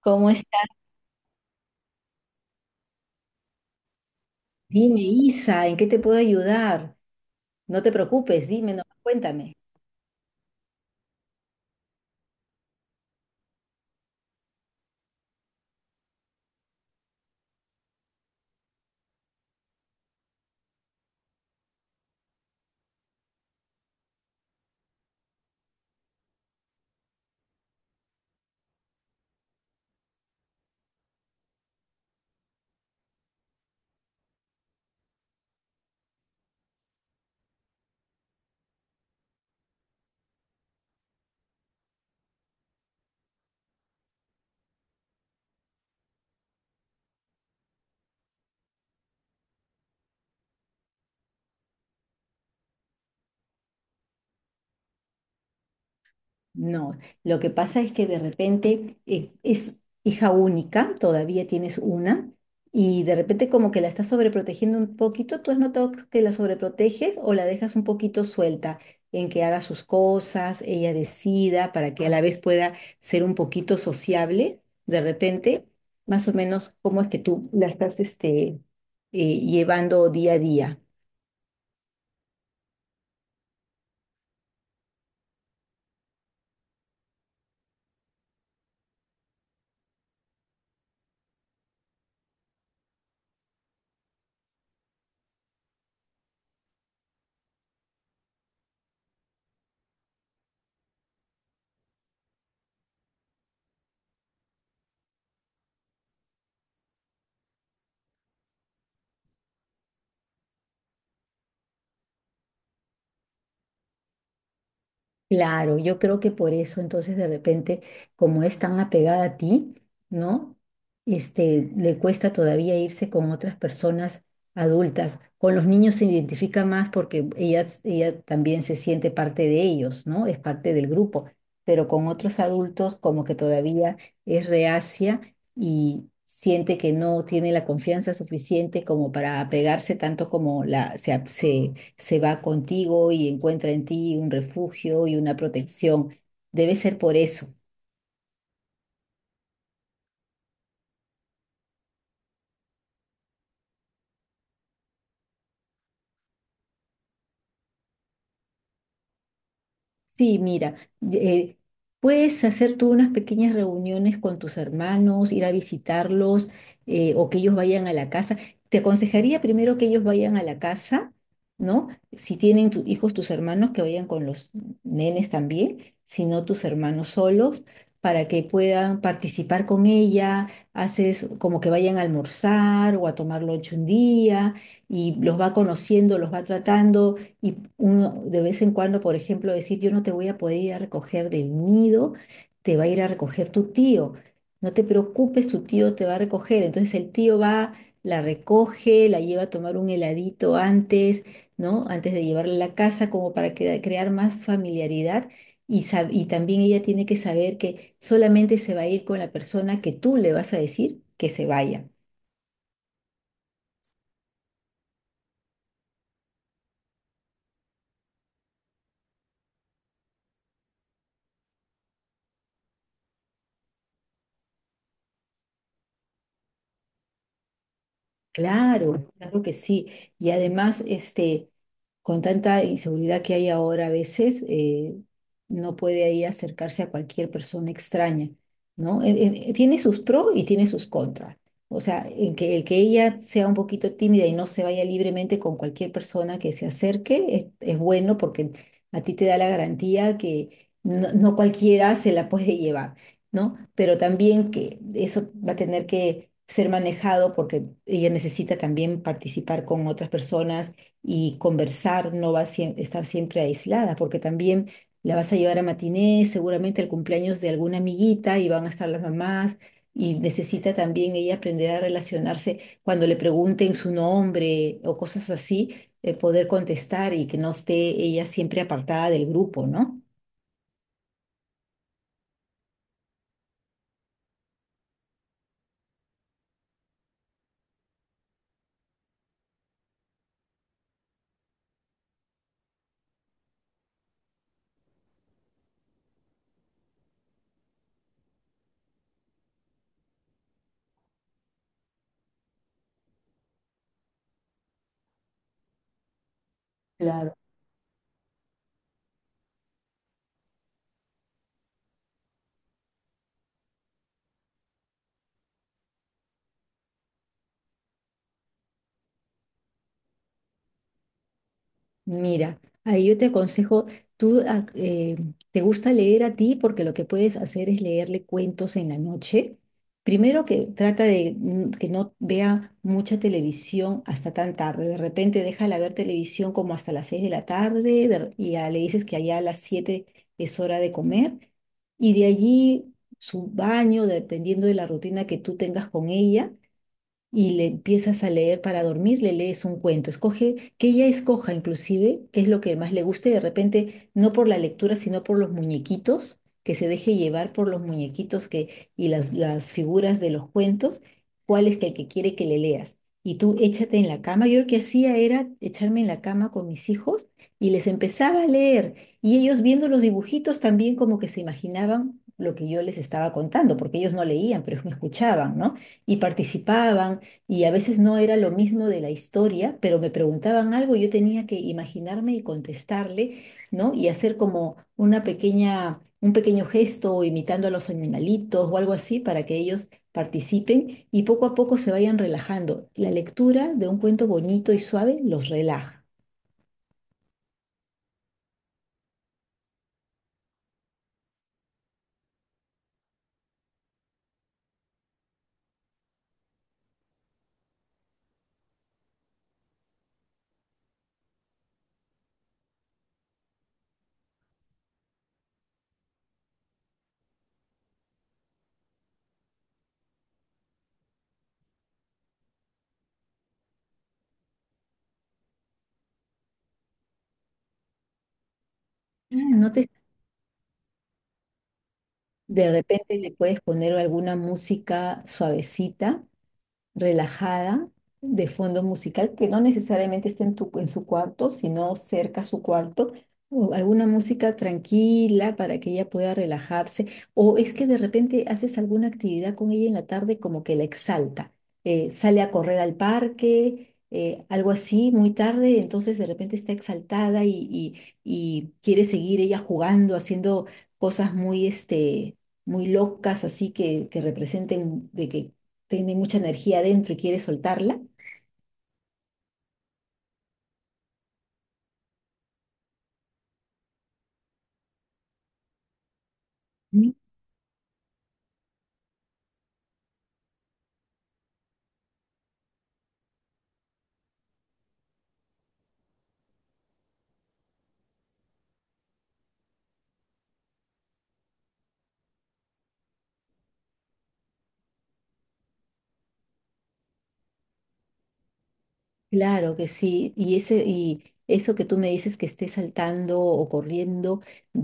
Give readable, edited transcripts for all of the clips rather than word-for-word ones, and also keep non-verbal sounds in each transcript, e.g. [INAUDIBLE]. ¿Cómo estás? Dime, Isa, ¿en qué te puedo ayudar? No te preocupes, dime, no, cuéntame. No, lo que pasa es que de repente es hija única, todavía tienes una, y de repente como que la estás sobreprotegiendo un poquito. ¿Tú has notado que la sobreproteges o la dejas un poquito suelta en que haga sus cosas, ella decida, para que a la vez pueda ser un poquito sociable? De repente, más o menos, ¿cómo es que tú la estás llevando día a día? Claro, yo creo que por eso entonces de repente, como es tan apegada a ti, ¿no? Este, le cuesta todavía irse con otras personas adultas. Con los niños se identifica más porque ella también se siente parte de ellos, ¿no? Es parte del grupo. Pero con otros adultos como que todavía es reacia y siente que no tiene la confianza suficiente como para apegarse tanto como la, se va contigo y encuentra en ti un refugio y una protección. Debe ser por eso. Sí, mira, eh, puedes hacer tú unas pequeñas reuniones con tus hermanos, ir a visitarlos o que ellos vayan a la casa. Te aconsejaría primero que ellos vayan a la casa, ¿no? Si tienen tus hijos, tus hermanos, que vayan con los nenes también, si no tus hermanos solos, para que puedan participar con ella. Haces como que vayan a almorzar o a tomar lunch un día y los va conociendo, los va tratando y uno de vez en cuando, por ejemplo, decir, yo no te voy a poder ir a recoger del nido, te va a ir a recoger tu tío. No te preocupes, tu tío te va a recoger. Entonces el tío va, la recoge, la lleva a tomar un heladito antes, ¿no? Antes de llevarla a la casa, como para crear más familiaridad. Y, y también ella tiene que saber que solamente se va a ir con la persona que tú le vas a decir que se vaya. Claro, claro que sí. Y además, este, con tanta inseguridad que hay ahora a veces, no puede ahí acercarse a cualquier persona extraña, ¿no? Tiene sus pros y tiene sus contras. O sea, el que ella sea un poquito tímida y no se vaya libremente con cualquier persona que se acerque es bueno porque a ti te da la garantía que no cualquiera se la puede [LAUGHS] llevar. ¿No? Pero también que eso va a tener que ser manejado porque ella necesita también participar con otras personas y conversar, no va a estar siempre aislada, porque también la vas a llevar a matinés, seguramente al cumpleaños de alguna amiguita y van a estar las mamás. Y necesita también ella aprender a relacionarse cuando le pregunten su nombre o cosas así, poder contestar y que no esté ella siempre apartada del grupo, ¿no? Claro. Mira, ahí yo te aconsejo, tú, te gusta leer a ti porque lo que puedes hacer es leerle cuentos en la noche. Primero que trata de que no vea mucha televisión hasta tan tarde. De repente déjala ver televisión como hasta las 6 de la tarde y ya le dices que allá a las 7 es hora de comer. Y de allí su baño, dependiendo de la rutina que tú tengas con ella y le empiezas a leer para dormir, le lees un cuento, escoge, que ella escoja inclusive qué es lo que más le guste, de repente no por la lectura, sino por los muñequitos, que se deje llevar por los muñequitos y las figuras de los cuentos, que quiere que le leas. Y tú échate en la cama. Yo lo que hacía era echarme en la cama con mis hijos y les empezaba a leer. Y ellos viendo los dibujitos también como que se imaginaban lo que yo les estaba contando, porque ellos no leían, pero me escuchaban, ¿no? Y participaban y a veces no era lo mismo de la historia, pero me preguntaban algo y yo tenía que imaginarme y contestarle, ¿no? Y hacer como una pequeña, un pequeño gesto o imitando a los animalitos o algo así para que ellos participen y poco a poco se vayan relajando. La lectura de un cuento bonito y suave los relaja. Ah, no te, de repente le puedes poner alguna música suavecita relajada de fondo musical que no necesariamente esté en en su cuarto, sino cerca a su cuarto, o alguna música tranquila para que ella pueda relajarse, o es que de repente haces alguna actividad con ella en la tarde como que la exalta, sale a correr al parque, algo así, muy tarde, entonces de repente está exaltada y quiere seguir ella jugando, haciendo cosas muy, este, muy locas, así que representen de que tiene mucha energía adentro y quiere soltarla. Mm. Claro que sí, y eso que tú me dices que esté saltando o corriendo,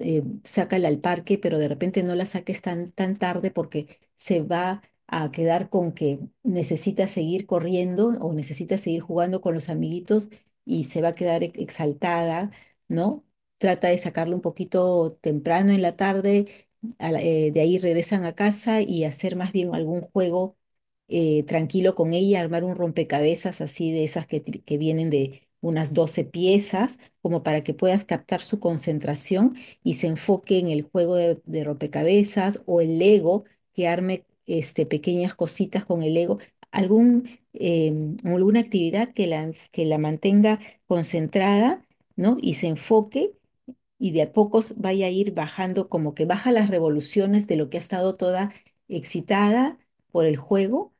sácala al parque, pero de repente no la saques tan tarde porque se va a quedar con que necesita seguir corriendo o necesita seguir jugando con los amiguitos y se va a quedar exaltada, ¿no? Trata de sacarlo un poquito temprano en la tarde, de ahí regresan a casa y hacer más bien algún juego tranquilo con ella, armar un rompecabezas así de esas que vienen de unas 12 piezas, como para que puedas captar su concentración y se enfoque en el juego de rompecabezas o el Lego, que arme este, pequeñas cositas con el Lego, algún, alguna actividad que la mantenga concentrada, ¿no? Y se enfoque. Y de a pocos vaya a ir bajando, como que baja las revoluciones de lo que ha estado toda excitada por el juego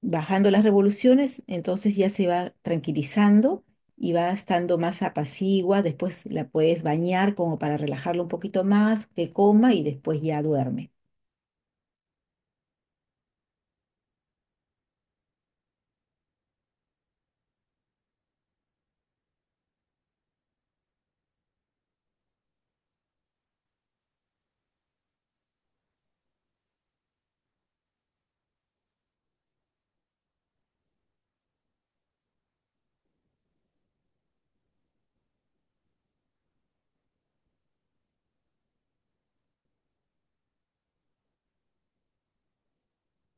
bajando las revoluciones, entonces ya se va tranquilizando y va estando más apacigua, después la puedes bañar como para relajarlo un poquito más, que coma y después ya duerme.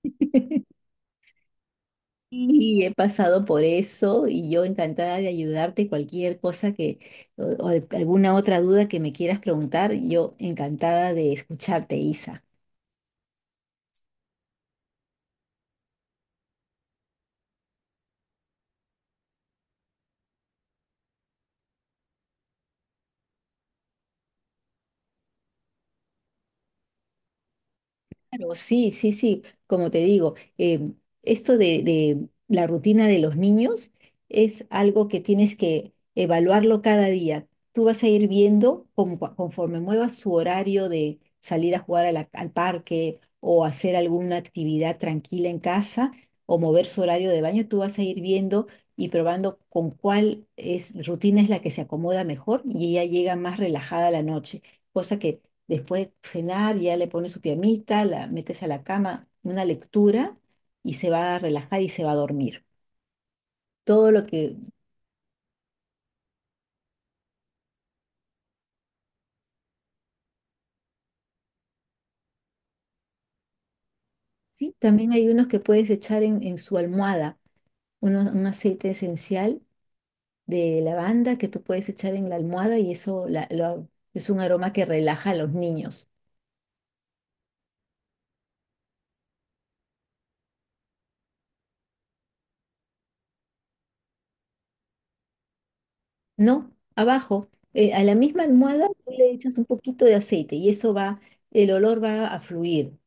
[LAUGHS] Y he pasado por eso y yo encantada de ayudarte, cualquier cosa que o alguna otra duda que me quieras preguntar, yo encantada de escucharte, Isa. Claro, sí, sí, sí, como te digo, em, esto de la rutina de los niños es algo que tienes que evaluarlo cada día. Tú vas a ir viendo conforme muevas su horario de salir a jugar a la- al parque o hacer alguna actividad tranquila en casa o mover su horario de baño, tú vas a ir viendo y probando con rutina es la que se acomoda mejor y ella llega más relajada a la noche, cosa que después de cenar, ya le pones su piamita, la metes a la cama, una lectura y se va a relajar y se va a dormir. Todo lo que... Sí, también hay unos que puedes echar en su almohada, un aceite esencial de lavanda que tú puedes echar en la almohada y eso es un aroma que relaja a los niños. No, abajo, a la misma almohada tú le echas un poquito de aceite y eso va, el olor va a fluir,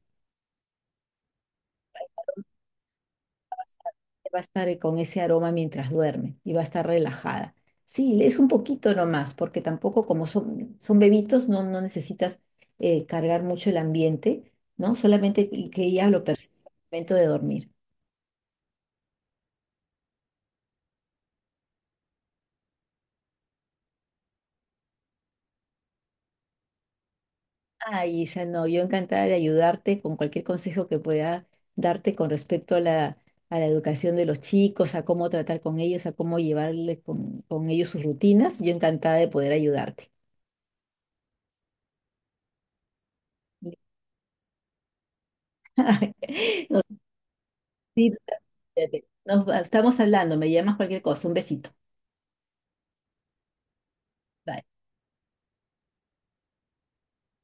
va a estar con ese aroma mientras duerme y va a estar relajada. Sí, es un poquito nomás, porque tampoco como son bebitos, no necesitas cargar mucho el ambiente, ¿no? Solamente que ella lo perciba al momento de dormir. Ay, Isa, no, yo encantada de ayudarte con cualquier consejo que pueda darte con respecto a la educación de los chicos, a cómo tratar con ellos, a cómo llevarle con ellos sus rutinas. Yo encantada de poder ayudarte. [LAUGHS] Nos sí, totalmente. Nos estamos hablando, me llamas cualquier cosa. Un besito. Bye.